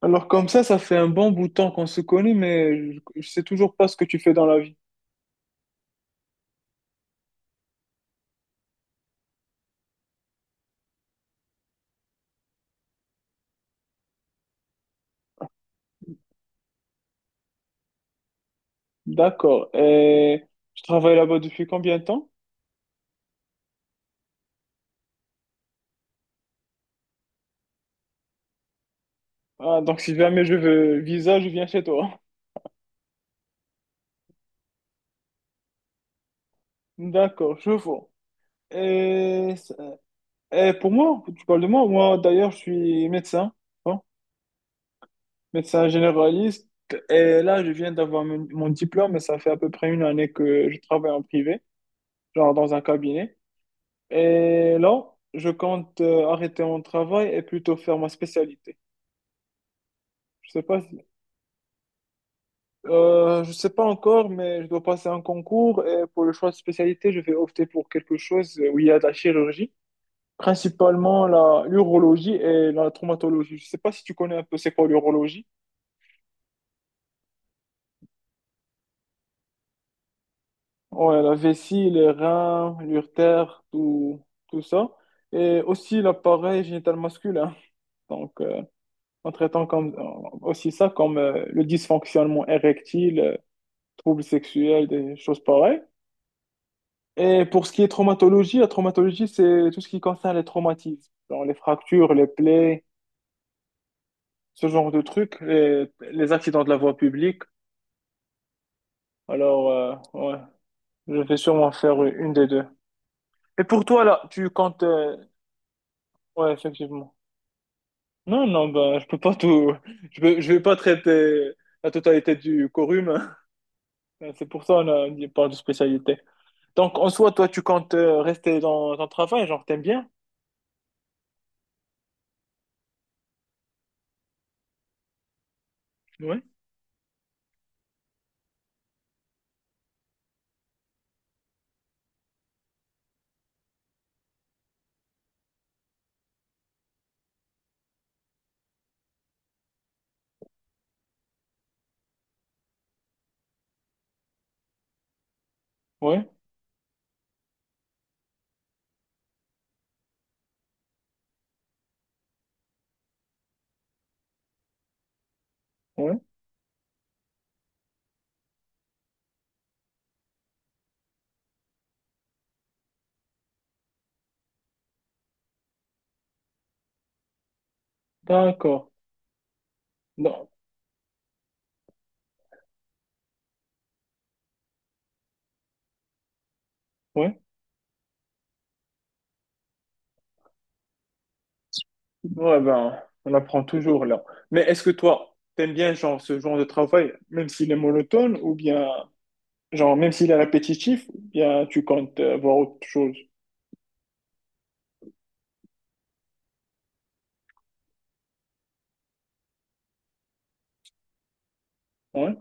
Alors comme ça fait un bon bout de temps qu'on se connaît, mais je sais toujours pas ce que tu fais dans la vie. D'accord. Et tu travailles là-bas depuis combien de temps? Ah, donc si jamais je veux visa, je viens chez toi. D'accord, je vois. Et, et pour moi, tu parles de moi, moi d'ailleurs, je suis médecin, hein, médecin généraliste. Et là, je viens d'avoir mon diplôme, et ça fait à peu près une année que je travaille en privé, genre dans un cabinet. Et là, je compte arrêter mon travail et plutôt faire ma spécialité. Je sais pas si- je sais pas encore, mais je dois passer un concours et pour le choix de spécialité, je vais opter pour quelque chose où il y a de la chirurgie, principalement la l'urologie et la traumatologie. Je sais pas si tu connais un peu c'est quoi l'urologie. Ouais, la vessie, les reins, l'urtère, tout ça. Et aussi l'appareil génital masculin. Donc, en traitant comme, aussi ça comme le dysfonctionnement érectile, troubles sexuels, des choses pareilles. Et pour ce qui est traumatologie, la traumatologie, c'est tout ce qui concerne les traumatismes, genre les fractures, les plaies, ce genre de trucs, les accidents de la voie publique. Alors, ouais, je vais sûrement faire une des deux. Et pour toi, là, tu comptes. Ouais, effectivement. Non, non, ben, je peux pas tout. Je vais pas traiter la totalité du quorum. Hein. C'est pour ça on parle de spécialité. Donc, en soi, toi, tu comptes rester dans ton travail, genre, t'aimes bien? Ouais. Ouais, ouais. D'accord. Non. Ouais. Ouais, ben, on apprend toujours là. Mais est-ce que toi, t'aimes bien genre ce genre de travail, même s'il est monotone, ou bien genre même s'il est répétitif, ou bien tu comptes voir autre chose? Ouais,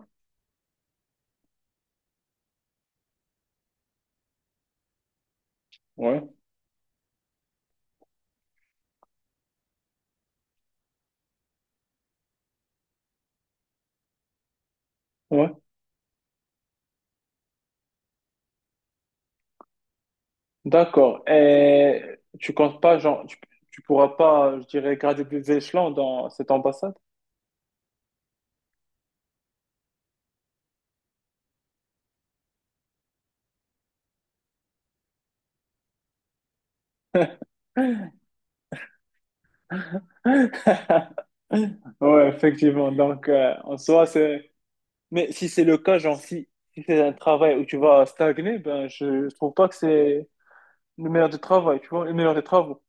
ouais, ouais. D'accord. Et tu comptes pas genre tu pourras pas, je dirais, graduer des échelons dans cette ambassade? Ouais, effectivement. Donc, en soi, c'est. Mais si c'est le cas, genre, si c'est un travail où tu vas stagner, ben, je trouve pas que c'est le meilleur des travail, tu vois, le meilleur des travaux.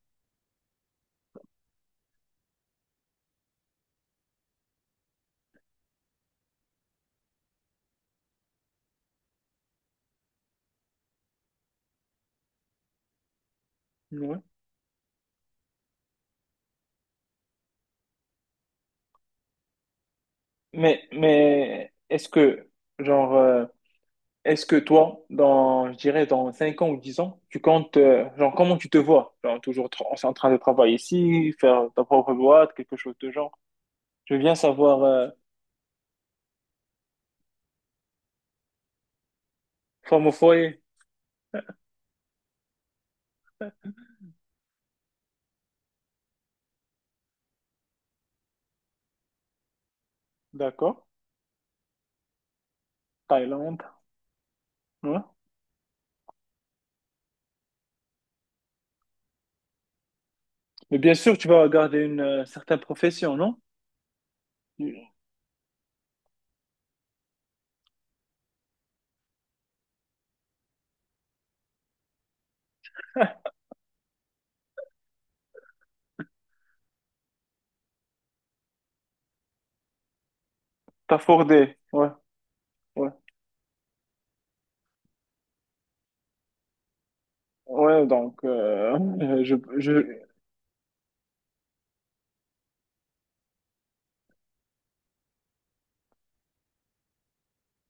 Ouais. Mais est-ce que, genre, est-ce que toi, dans, je dirais, dans 5 ans ou 10 ans, tu comptes, genre, comment tu te vois? Genre, toujours en train de travailler ici, faire ta propre boîte, quelque chose de genre. Je veux bien savoir, femme au foyer, d'accord, Thaïlande, ouais. Mais bien sûr, tu vas garder une certaine profession, non? T'as fordé, ouais, ouais. Ouais, donc,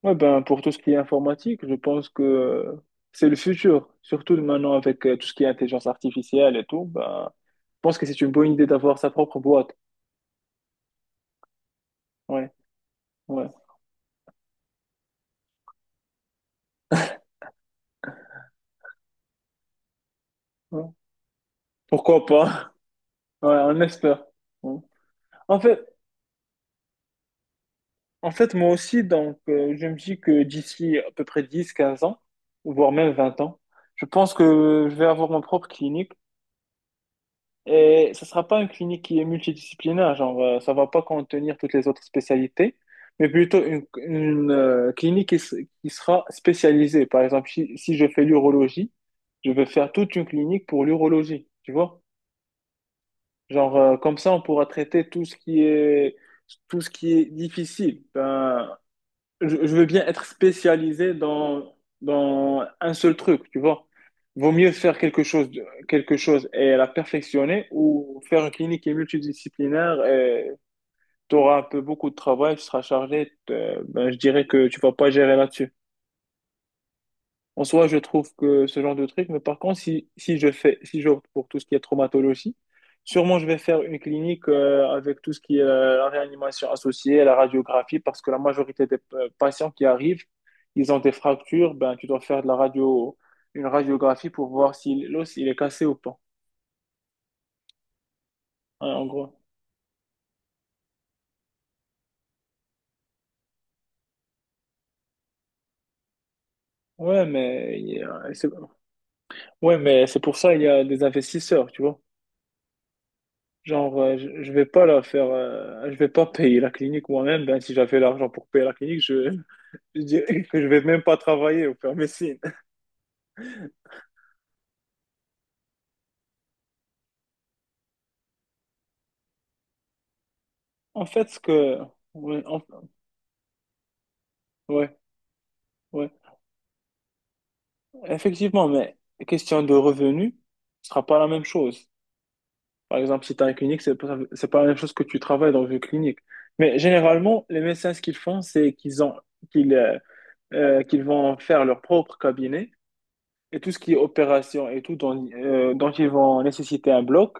ouais, ben, pour tout ce qui est informatique, je pense que c'est le futur. Surtout maintenant avec tout ce qui est intelligence artificielle et tout, ben, pense que c'est une bonne idée d'avoir sa propre boîte. Ouais, ouais, ouais. Pourquoi pas? Ouais, on espère. Ouais. En fait, en fait, moi aussi, donc, je me dis que d'ici à peu près 10-15 ans, voire même 20 ans, je pense que je vais avoir ma propre clinique. Et ça sera pas une clinique qui est multidisciplinaire, genre, ça va pas contenir toutes les autres spécialités, mais plutôt une clinique qui, qui sera spécialisée. Par exemple, si je fais l'urologie, je vais faire toute une clinique pour l'urologie, tu vois? Genre, comme ça, on pourra traiter tout ce qui est, tout ce qui est difficile. Ben, je veux bien être spécialisé dans un seul truc, tu vois. Vaut mieux faire quelque chose, quelque chose et la perfectionner ou faire une clinique qui est multidisciplinaire et tu auras un peu beaucoup de travail, tu seras chargé. Ben, je dirais que tu vas pas gérer là-dessus. En soi, je trouve que ce genre de truc, mais par contre, si, si je fais, si j'opte pour tout ce qui est traumatologie, sûrement je vais faire une clinique avec tout ce qui est la réanimation associée, la radiographie, parce que la majorité des patients qui arrivent, ils ont des fractures, ben tu dois faire de la radio, une radiographie pour voir si l'os il est cassé ou pas, hein, en gros. Ouais, mais il y a- c'est- ouais, mais c'est pour ça il y a des investisseurs, tu vois. Genre, je vais pas la faire, je vais pas payer la clinique moi-même. Ben, si j'avais l'argent pour payer la clinique, je dirais que je vais même pas travailler au faire médecine. En fait, ce que, ouais, ouais, ouais. Effectivement, mais question de revenus, ce sera pas la même chose. Par exemple, si tu as une clinique, c'est pas la même chose que tu travailles dans une clinique. Mais généralement, les médecins, ce qu'ils font, c'est qu'ils, euh, qu'ils vont faire leur propre cabinet. Et tout ce qui est opération et tout dont ils vont nécessiter un bloc,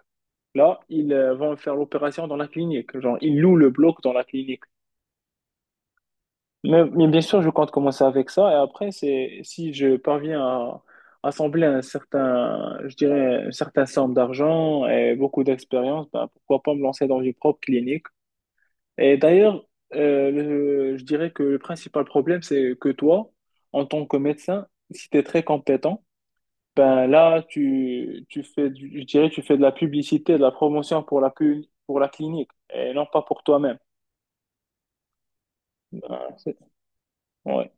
là, ils vont faire l'opération dans la clinique. Genre, ils louent le bloc dans la clinique. Mais bien sûr, je compte commencer avec ça. Et après, c'est si je parviens à assembler un certain, je dirais, une certaine somme d'argent et beaucoup d'expérience, ben, pourquoi pas me lancer dans une propre clinique. Et d'ailleurs, je dirais que le principal problème, c'est que toi, en tant que médecin, si tu es très compétent, ben là, tu fais je dirais, tu fais de la publicité, de la promotion pour pour la clinique et non pas pour toi-même. Ah, c'est- ouais.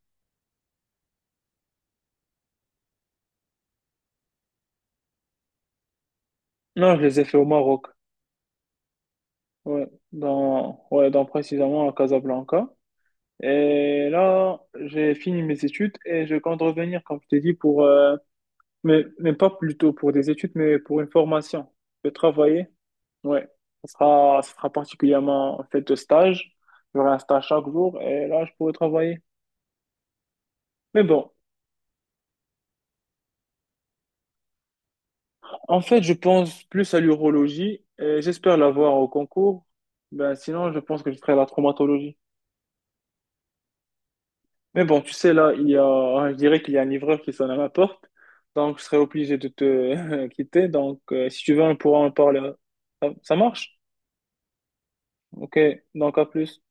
Non, je les ai fait au Maroc. Ouais, ouais, dans précisément à Casablanca. Et là, j'ai fini mes études et je compte revenir, comme je t'ai dit, pour, mais pas plutôt pour des études, mais pour une formation. Je vais travailler. Ouais, ce sera particulièrement fait de stage. J'aurai un stage chaque jour et là, je pourrai travailler. Mais bon, en fait, je pense plus à l'urologie et j'espère l'avoir au concours. Ben, sinon, je pense que je ferai la traumatologie. Mais bon, tu sais, là, il y a, je dirais qu'il y a un livreur qui sonne à ma porte. Donc, je serai obligé de te quitter. Donc, si tu veux, on pourra en parler. Ça marche? Ok, donc à plus.